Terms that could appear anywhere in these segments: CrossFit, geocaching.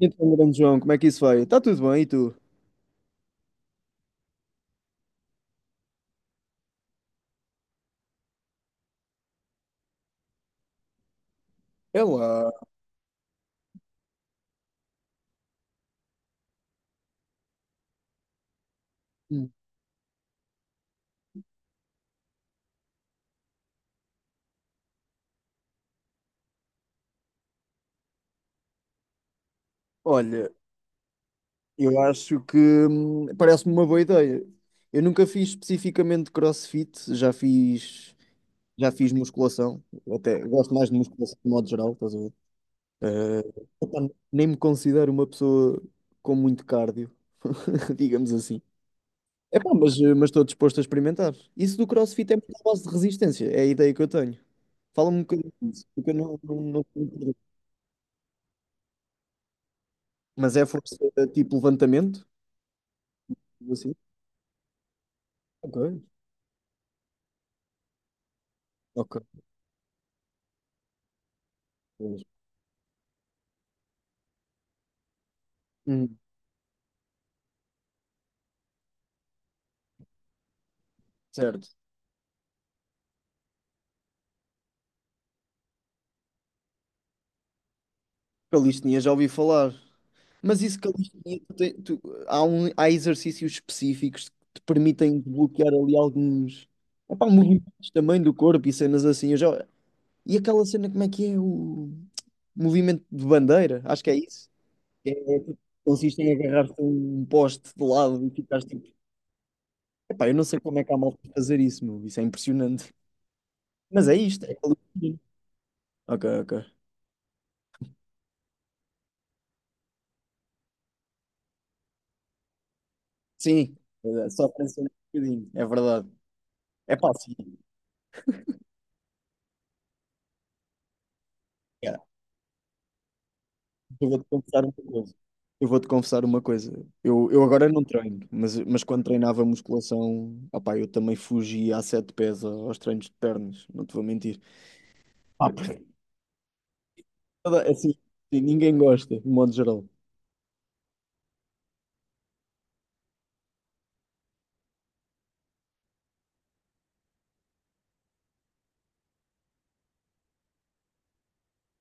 Então, grande João, como é que isso vai? Está tudo bem, e tu? É lá. Hum. Olha, eu acho que parece-me uma boa ideia. Eu nunca fiz especificamente CrossFit, já fiz musculação, até gosto mais de musculação de modo geral, estás a ver? Eh, epá, nem me considero uma pessoa com muito cardio, digamos assim. Epá, mas mas estou disposto a experimentar. Isso do CrossFit é muito à base de resistência, é a ideia que eu tenho. Fala-me um bocadinho disso, porque eu não... Mas é força tipo levantamento? Tipo assim? Ok, ok. Hum, certo. Calistenia já ouvi falar. Mas isso calistenia, há exercícios específicos que te permitem desbloquear ali alguns epá, movimentos também do corpo e cenas assim. Eu já... E aquela cena, como é que é o movimento de bandeira? Acho que é isso. Que é tipo, consiste em agarrar-te a um poste de lado e ficares tipo. Epá, eu não sei como é que há mal de fazer isso, meu. Isso é impressionante. Mas é isto. É calistenia. Ok, ok. Sim, só pressionar um bocadinho, é verdade. É pá, sim, cara, eu vou-te confessar uma coisa. Eu vou-te confessar uma coisa. Eu agora não treino, mas quando treinava musculação, opá, eu também fugia a sete pés aos treinos de pernas, não te vou mentir. Ah, porque... Toda- Assim, sim, ninguém gosta, de modo geral.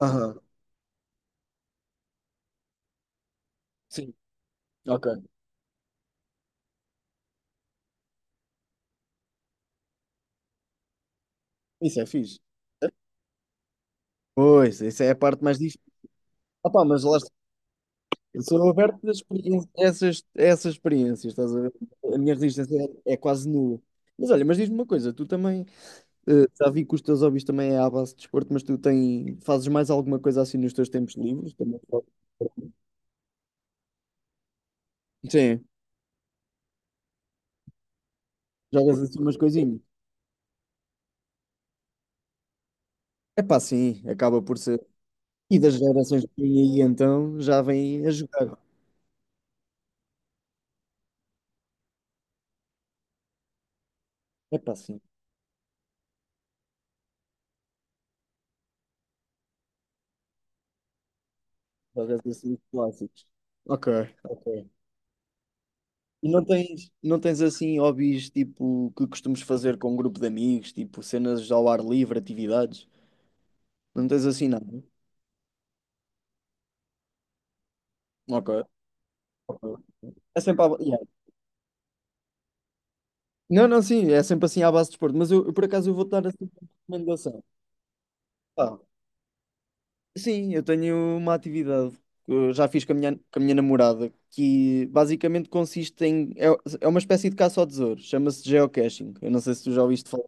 Aham, sim, ok. Isso é fixe. Pois, isso é a parte mais difícil. Opá, mas lá está. Eu sou aberto a a essas experiências, estás a ver? A minha resistência é quase nula. Mas olha, mas diz-me uma coisa, tu também, já vi que os teus hobbies também é à base de desporto, mas tu tem, fazes mais alguma coisa assim nos teus tempos livres? Também? Sim, jogas assim umas coisinhas. É pá, sim, acaba por ser. E das gerações que vêm aí então já vêm a jogar. É pá, sim, jogas assim os clássicos. Ok, ok. E não tens assim hobbies tipo que costumes fazer com um grupo de amigos, tipo cenas ao ar livre, atividades? Não tens assim nada? Ok. Ok. É sempre à... ba- yeah. Não, não, sim, é sempre assim à base de desporto, mas por acaso eu vou dar assim uma recomendação. Pá, sim, eu tenho uma atividade que eu já fiz com a minha namorada que basicamente consiste em. É, é uma espécie de caça ao tesouro, chama-se geocaching. Eu não sei se tu já ouviste falar.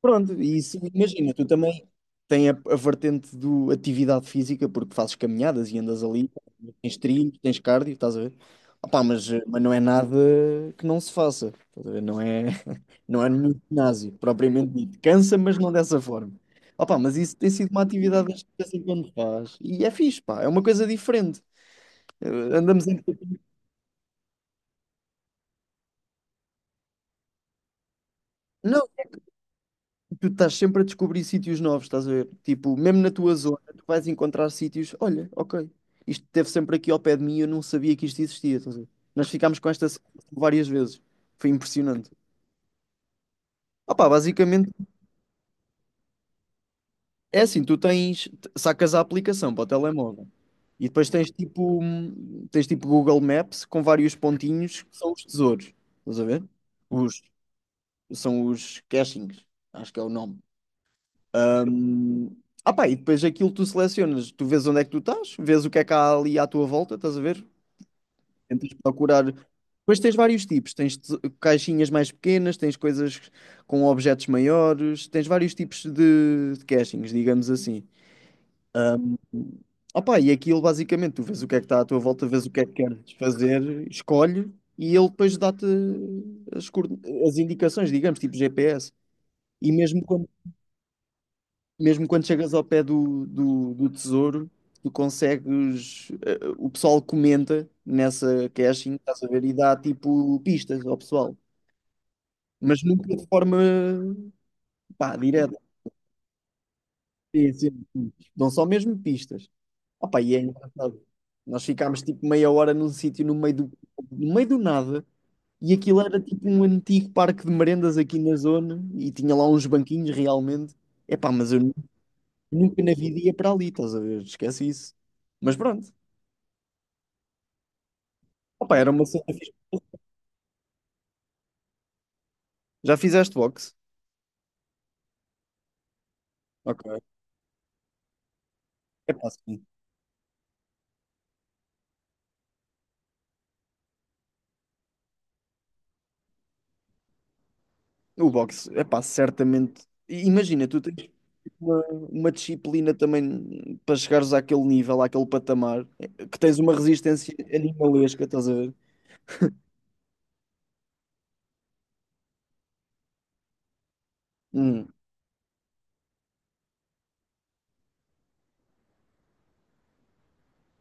Pronto, e isso, imagina, tu também. Tem a vertente do atividade física, porque fazes caminhadas e andas ali, tens trilho, tens cardio, estás a ver? Opá, mas não é nada que não se faça, estás a ver? Não é, não é nenhum ginásio, propriamente dito. Cansa, mas não dessa forma. Opá, mas isso tem sido uma atividade que de vez em quando faz. E é fixe, pá, é uma coisa diferente. Eh, andamos em... Não, tu estás sempre a descobrir sítios novos, estás a ver? Tipo, mesmo na tua zona, tu vais encontrar sítios. Olha, ok, isto esteve sempre aqui ao pé de mim, e eu não sabia que isto existia. Estás a ver? Nós ficámos com esta sensação várias vezes. Foi impressionante. Opa, basicamente é assim: tu tens, t- sacas a aplicação para o telemóvel e depois tens tens tipo Google Maps com vários pontinhos que são os tesouros, estás a ver? Os, são os cachings, acho que é o nome. Ah pá, e depois aquilo tu selecionas, tu vês onde é que tu estás, vês o que é que há ali à tua volta, estás a ver? Tentas procurar. Depois tens vários tipos, tens te- caixinhas mais pequenas, tens coisas com objetos maiores, tens vários tipos de cachings, digamos assim. Ah pá, e aquilo basicamente, tu vês o que é que está à tua volta, vês o que é que queres fazer, escolhe e ele depois dá-te as, coorden- as indicações, digamos, tipo GPS. E mesmo quando chegas ao pé do tesouro, tu consegues. Eh, o pessoal comenta nessa caching, estás a ver, e dá tipo pistas ao pessoal, mas nunca de forma pá, direta. Sim, sim, sim. Dão só mesmo pistas. Opa, e é engraçado. Nós ficámos tipo meia hora num sítio no meio do nada. E aquilo era tipo um antigo parque de merendas aqui na zona e tinha lá uns banquinhos realmente. Epá, mas eu nunca na vida ia para ali, estás a ver? Esquece isso. Mas pronto. Opa, era uma cena. Já fizeste boxe? Ok. É pá, sim. O boxe, é pá, certamente. I- Imagina, tu tens uma, uma disciplina também para chegares àquele nível, àquele patamar, eh, que tens uma resistência animalesca, estás a ver? Uhum,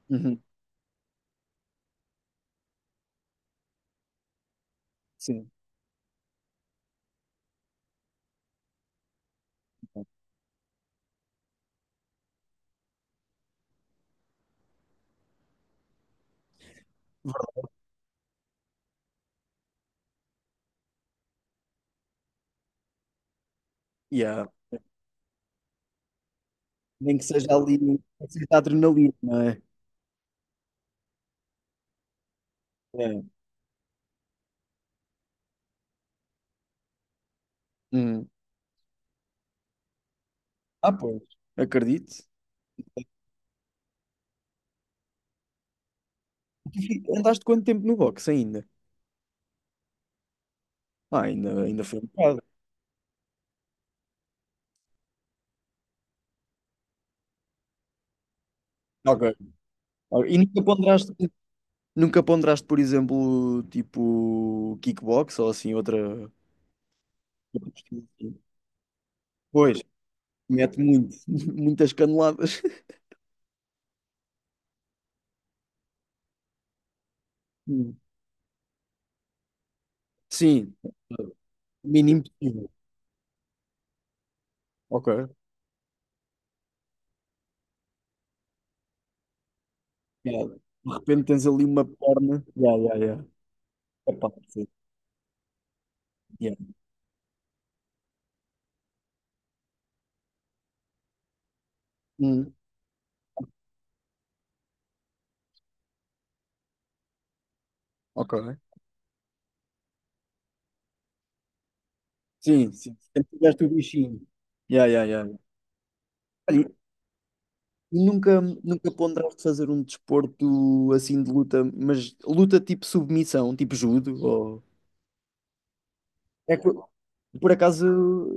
uhum, sim. Yeah. Nem que seja ali, nem que seja adrenalina, não é? É. Uhum. Ah, pois. Acredito. E tu fi- Andaste quanto tempo no boxe ainda? Ah, ainda foi um bocado. Ok. Ok. E nunca ponderaste, por exemplo, tipo kickbox ou assim, outra. Outra postura assim? Pois, mete muito, muitas caneladas. Hum. Sim, mínimo possível. Ok. Yeah. De repente tens ali uma perna. Yeah, yeah, yeah. Epá, sim. Yeah. Hum. Ok. Sim, sim. Sempre tiveste o bichinho. Yeah, yeah, yeah. Olha, e nunca ponderaste fazer um desporto assim de luta, mas luta tipo submissão, tipo judo, ou... É que, por acaso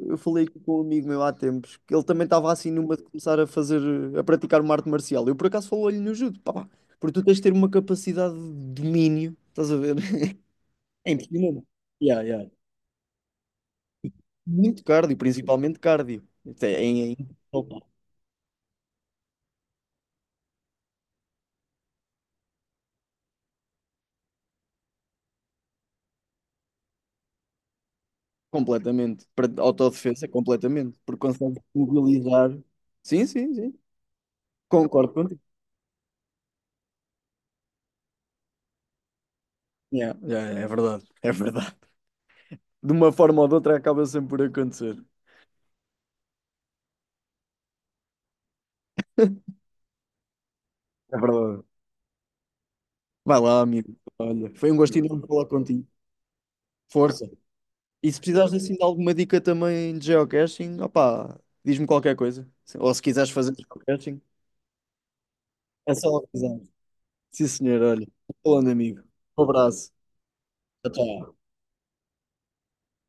eu falei aqui com um amigo meu há tempos, que ele também estava assim numa de começar a fazer, a praticar uma arte marcial. Eu por acaso falei-lhe no judo, porque tu tens de ter uma capacidade de domínio, estás a ver? É impressionante. Yeah, yeah. Muito cardio, principalmente cardio. Isto é opa. Completamente. Para autodefesa, completamente. Porque consegue mobilizar. Sim, sim, sim. Concordo contigo. Yeah, yeah, é verdade, é verdade. De uma forma ou de outra acaba sempre por acontecer. É verdade. Vai lá, amigo. Olha, foi um gostinho de falar contigo. Força. E se precisares assim de alguma dica também de geocaching, opá, diz-me qualquer coisa. Ou se quiseres fazer geocaching, é só avisar. Sim, senhor, olha. Falando, amigo. Um abraço. Tchau, tchau.